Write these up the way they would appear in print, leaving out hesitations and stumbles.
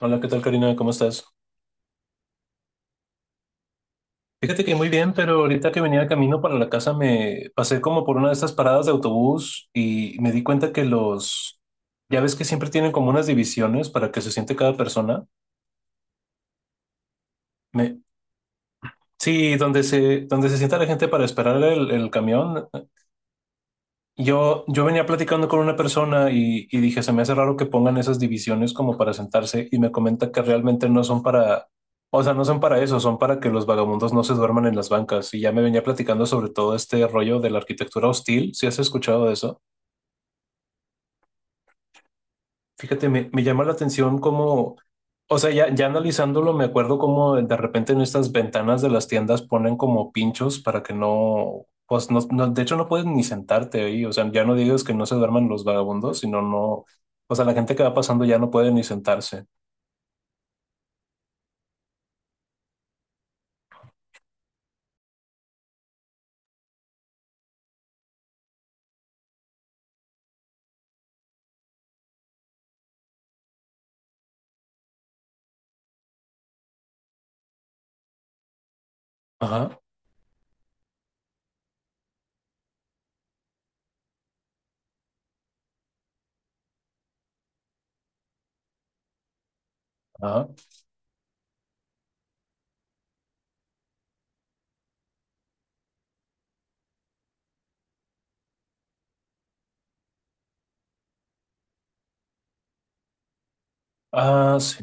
Hola, ¿qué tal, Karina? ¿Cómo estás? Fíjate que muy bien, pero ahorita que venía de camino para la casa me pasé como por una de estas paradas de autobús y me di cuenta que ya ves que siempre tienen como unas divisiones para que se siente cada persona. Me, sí, donde donde se sienta la gente para esperar el camión. Yo venía platicando con una persona y dije, se me hace raro que pongan esas divisiones como para sentarse y me comenta que realmente no son o sea, no son para eso, son para que los vagabundos no se duerman en las bancas. Y ya me venía platicando sobre todo este rollo de la arquitectura hostil, ¿si has escuchado de eso? Fíjate, me llama la atención o sea, ya analizándolo, me acuerdo cómo de repente en estas ventanas de las tiendas ponen como pinchos para que de hecho no puedes ni sentarte ahí, o sea, ya no digas que no se duerman los vagabundos, sino no, o sea, la gente que va pasando ya no puede ni sentarse. Ajá, ajá. Ah, sí,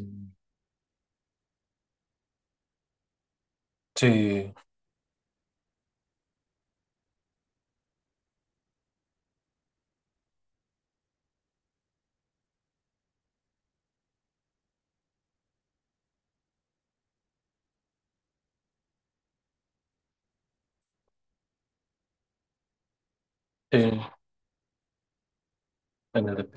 sí, sí, en el.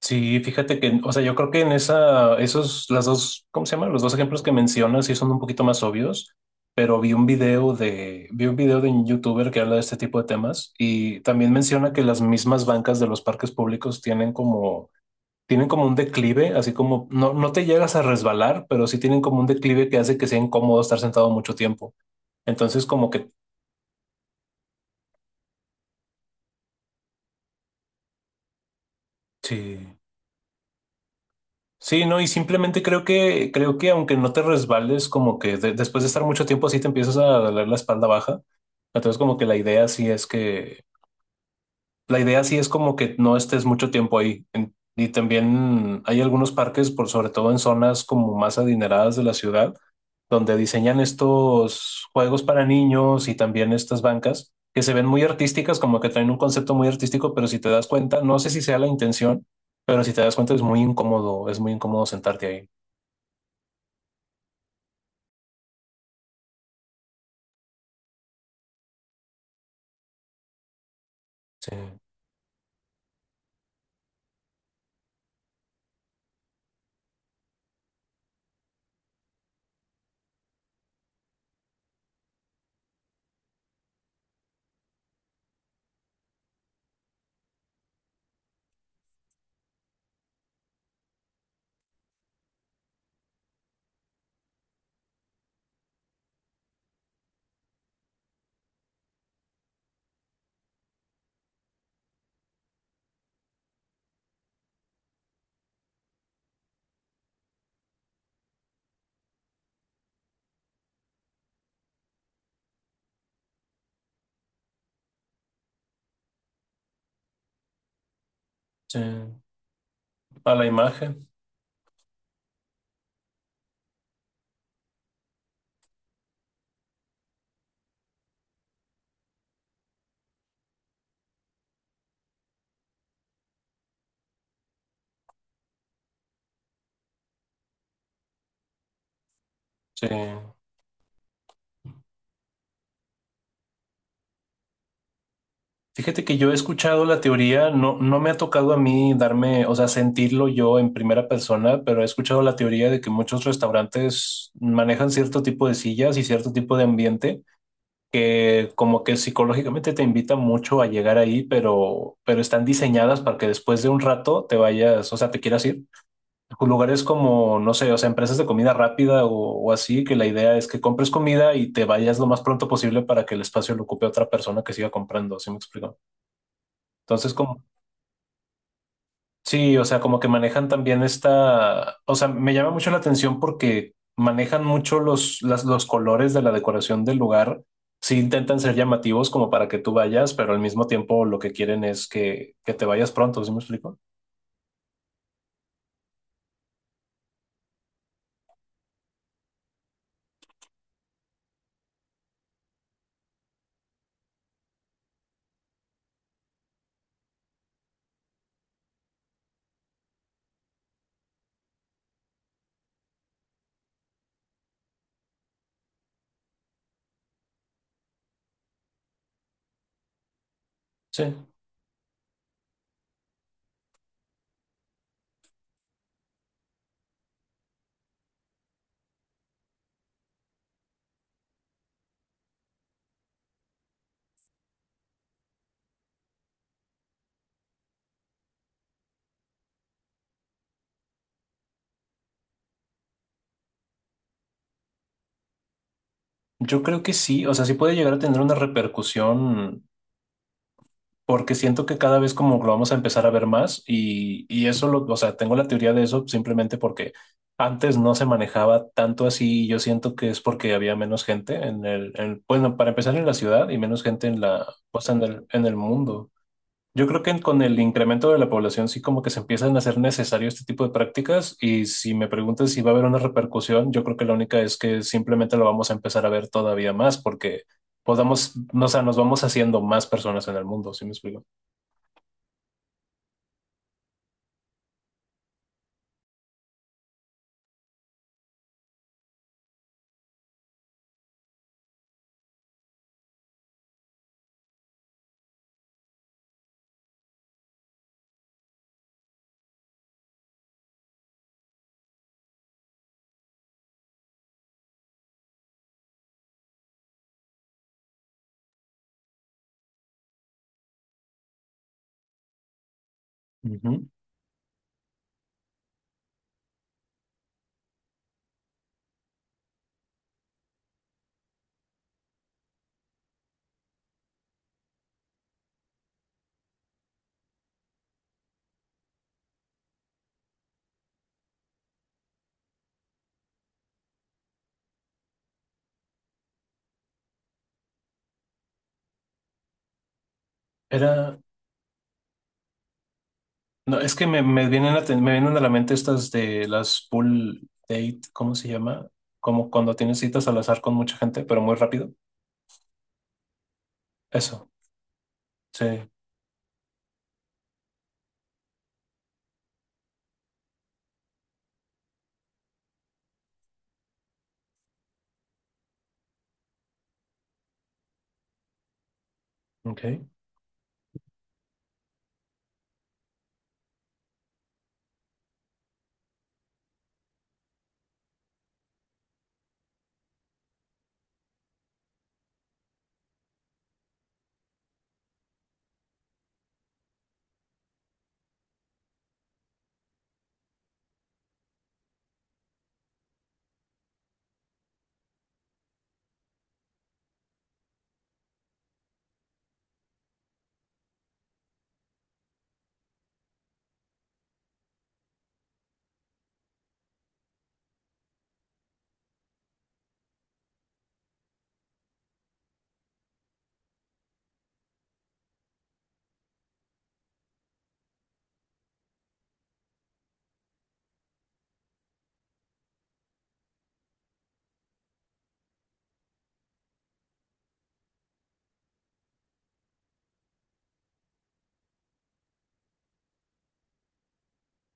Sí, fíjate que, o sea, yo creo que en las dos, ¿cómo se llaman? Los dos ejemplos que mencionas sí son un poquito más obvios, pero vi un video de un youtuber que habla de este tipo de temas y también menciona que las mismas bancas de los parques públicos tienen tienen como un declive, así como, no te llegas a resbalar, pero sí tienen como un declive que hace que sea incómodo estar sentado mucho tiempo. Entonces, como que, sí. Sí, no, y simplemente creo creo que aunque no te resbales, como que después de estar mucho tiempo así te empiezas a doler la espalda baja. Entonces, como que la idea sí es la idea sí es como que no estés mucho tiempo ahí. Y también hay algunos parques, por sobre todo en zonas como más adineradas de la ciudad, donde diseñan estos juegos para niños y también estas bancas que se ven muy artísticas, como que traen un concepto muy artístico, pero si te das cuenta, no sé si sea la intención, pero si te das cuenta es muy incómodo sentarte ahí. Sí, sí. A la imagen, sí. Fíjate que yo he escuchado la teoría, no me ha tocado a mí darme, o sea, sentirlo yo en primera persona, pero he escuchado la teoría de que muchos restaurantes manejan cierto tipo de sillas y cierto tipo de ambiente que como que psicológicamente te invita mucho a llegar ahí, pero están diseñadas para que después de un rato te vayas, o sea, te quieras ir. Lugares como, no sé, o sea, empresas de comida rápida o así, que la idea es que compres comida y te vayas lo más pronto posible para que el espacio lo ocupe otra persona que siga comprando, ¿sí me explico? Entonces, como, sí, o sea, como que manejan también esta, o sea, me llama mucho la atención porque manejan mucho los colores de la decoración del lugar. Sí intentan ser llamativos como para que tú vayas, pero al mismo tiempo lo que quieren es que te vayas pronto, ¿sí me explico? Sí. Yo creo que sí, o sea, sí puede llegar a tener una repercusión porque siento que cada vez como lo vamos a empezar a ver más o sea, tengo la teoría de eso simplemente porque antes no se manejaba tanto así y yo siento que es porque había menos gente en bueno, para empezar en la ciudad y menos gente en pues en en el mundo. Yo creo que con el incremento de la población sí como que se empiezan a hacer necesario este tipo de prácticas y si me preguntas si va a haber una repercusión, yo creo que la única es que simplemente lo vamos a empezar a ver todavía más porque podamos, no, o sea, nos vamos haciendo más personas en el mundo, ¿sí me explico? Ujú. Era, no, es que me vienen a la mente estas de las pool date, ¿cómo se llama? Como cuando tienes citas al azar con mucha gente, pero muy rápido. Eso, sí, ok.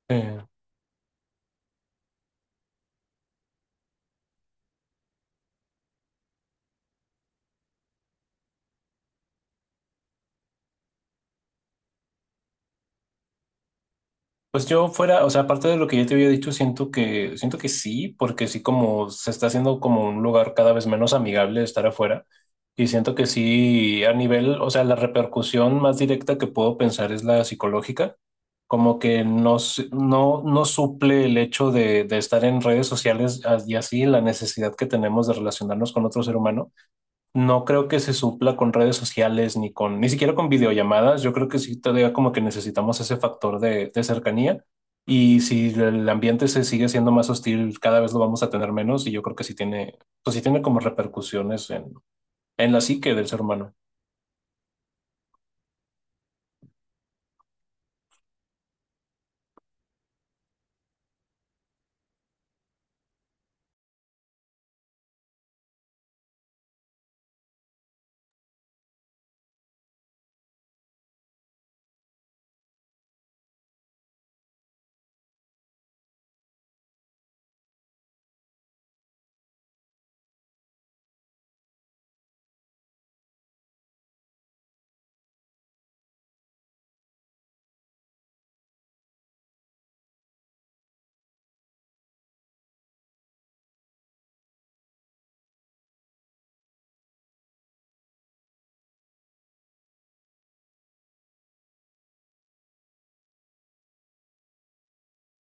Sí. Pues yo fuera, o sea, aparte de lo que ya te había dicho, siento siento que sí, porque sí como se está haciendo como un lugar cada vez menos amigable estar afuera. Y siento que sí, a nivel, o sea, la repercusión más directa que puedo pensar es la psicológica, como que no suple el hecho de estar en redes sociales y así la necesidad que tenemos de relacionarnos con otro ser humano. No creo que se supla con redes sociales ni ni siquiera con videollamadas. Yo creo que sí todavía como que necesitamos ese factor de cercanía. Y si el ambiente se sigue siendo más hostil, cada vez lo vamos a tener menos. Y yo creo que sí pues sí tiene como repercusiones en la psique del ser humano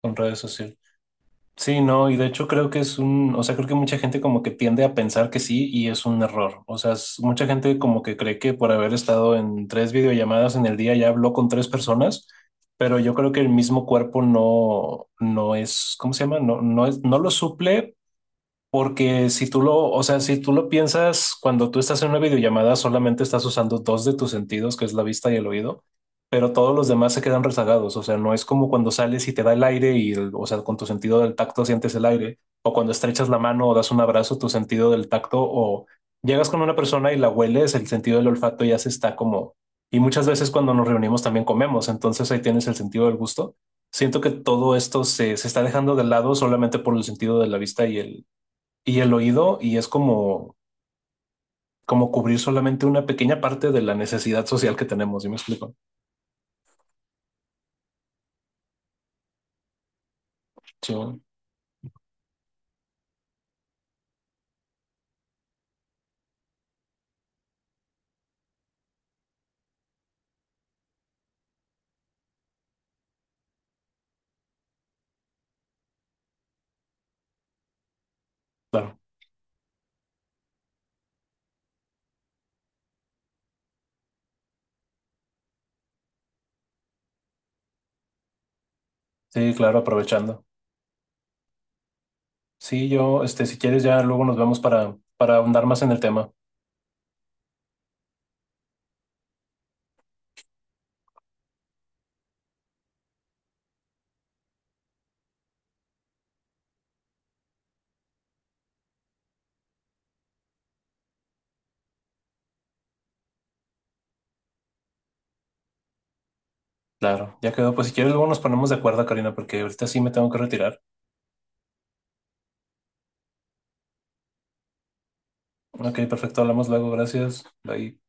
con redes sociales. Sí, no, y de hecho creo que es un, o sea, creo que mucha gente como que tiende a pensar que sí y es un error. O sea, mucha gente como que cree que por haber estado en tres videollamadas en el día ya habló con tres personas, pero yo creo que el mismo cuerpo no es, ¿cómo se llama? No lo suple porque si tú o sea, si tú lo piensas, cuando tú estás en una videollamada, solamente estás usando dos de tus sentidos, que es la vista y el oído, pero todos los demás se quedan rezagados. O sea, no es como cuando sales y te da el aire o sea, con tu sentido del tacto sientes el aire, o cuando estrechas la mano o das un abrazo, tu sentido del tacto, o llegas con una persona y la hueles, el sentido del olfato ya se está como... Y muchas veces cuando nos reunimos también comemos, entonces ahí tienes el sentido del gusto. Siento que todo esto se está dejando de lado solamente por el sentido de la vista y el oído, y es como, como cubrir solamente una pequeña parte de la necesidad social que tenemos, ¿sí me explico? Sí, claro, sí, claro, aprovechando. Sí, yo, este, si quieres, ya luego nos vemos para ahondar más en el tema. Claro, ya quedó. Pues si quieres, luego nos ponemos de acuerdo, Karina, porque ahorita sí me tengo que retirar. Ok, perfecto, hablamos luego, gracias. Bye.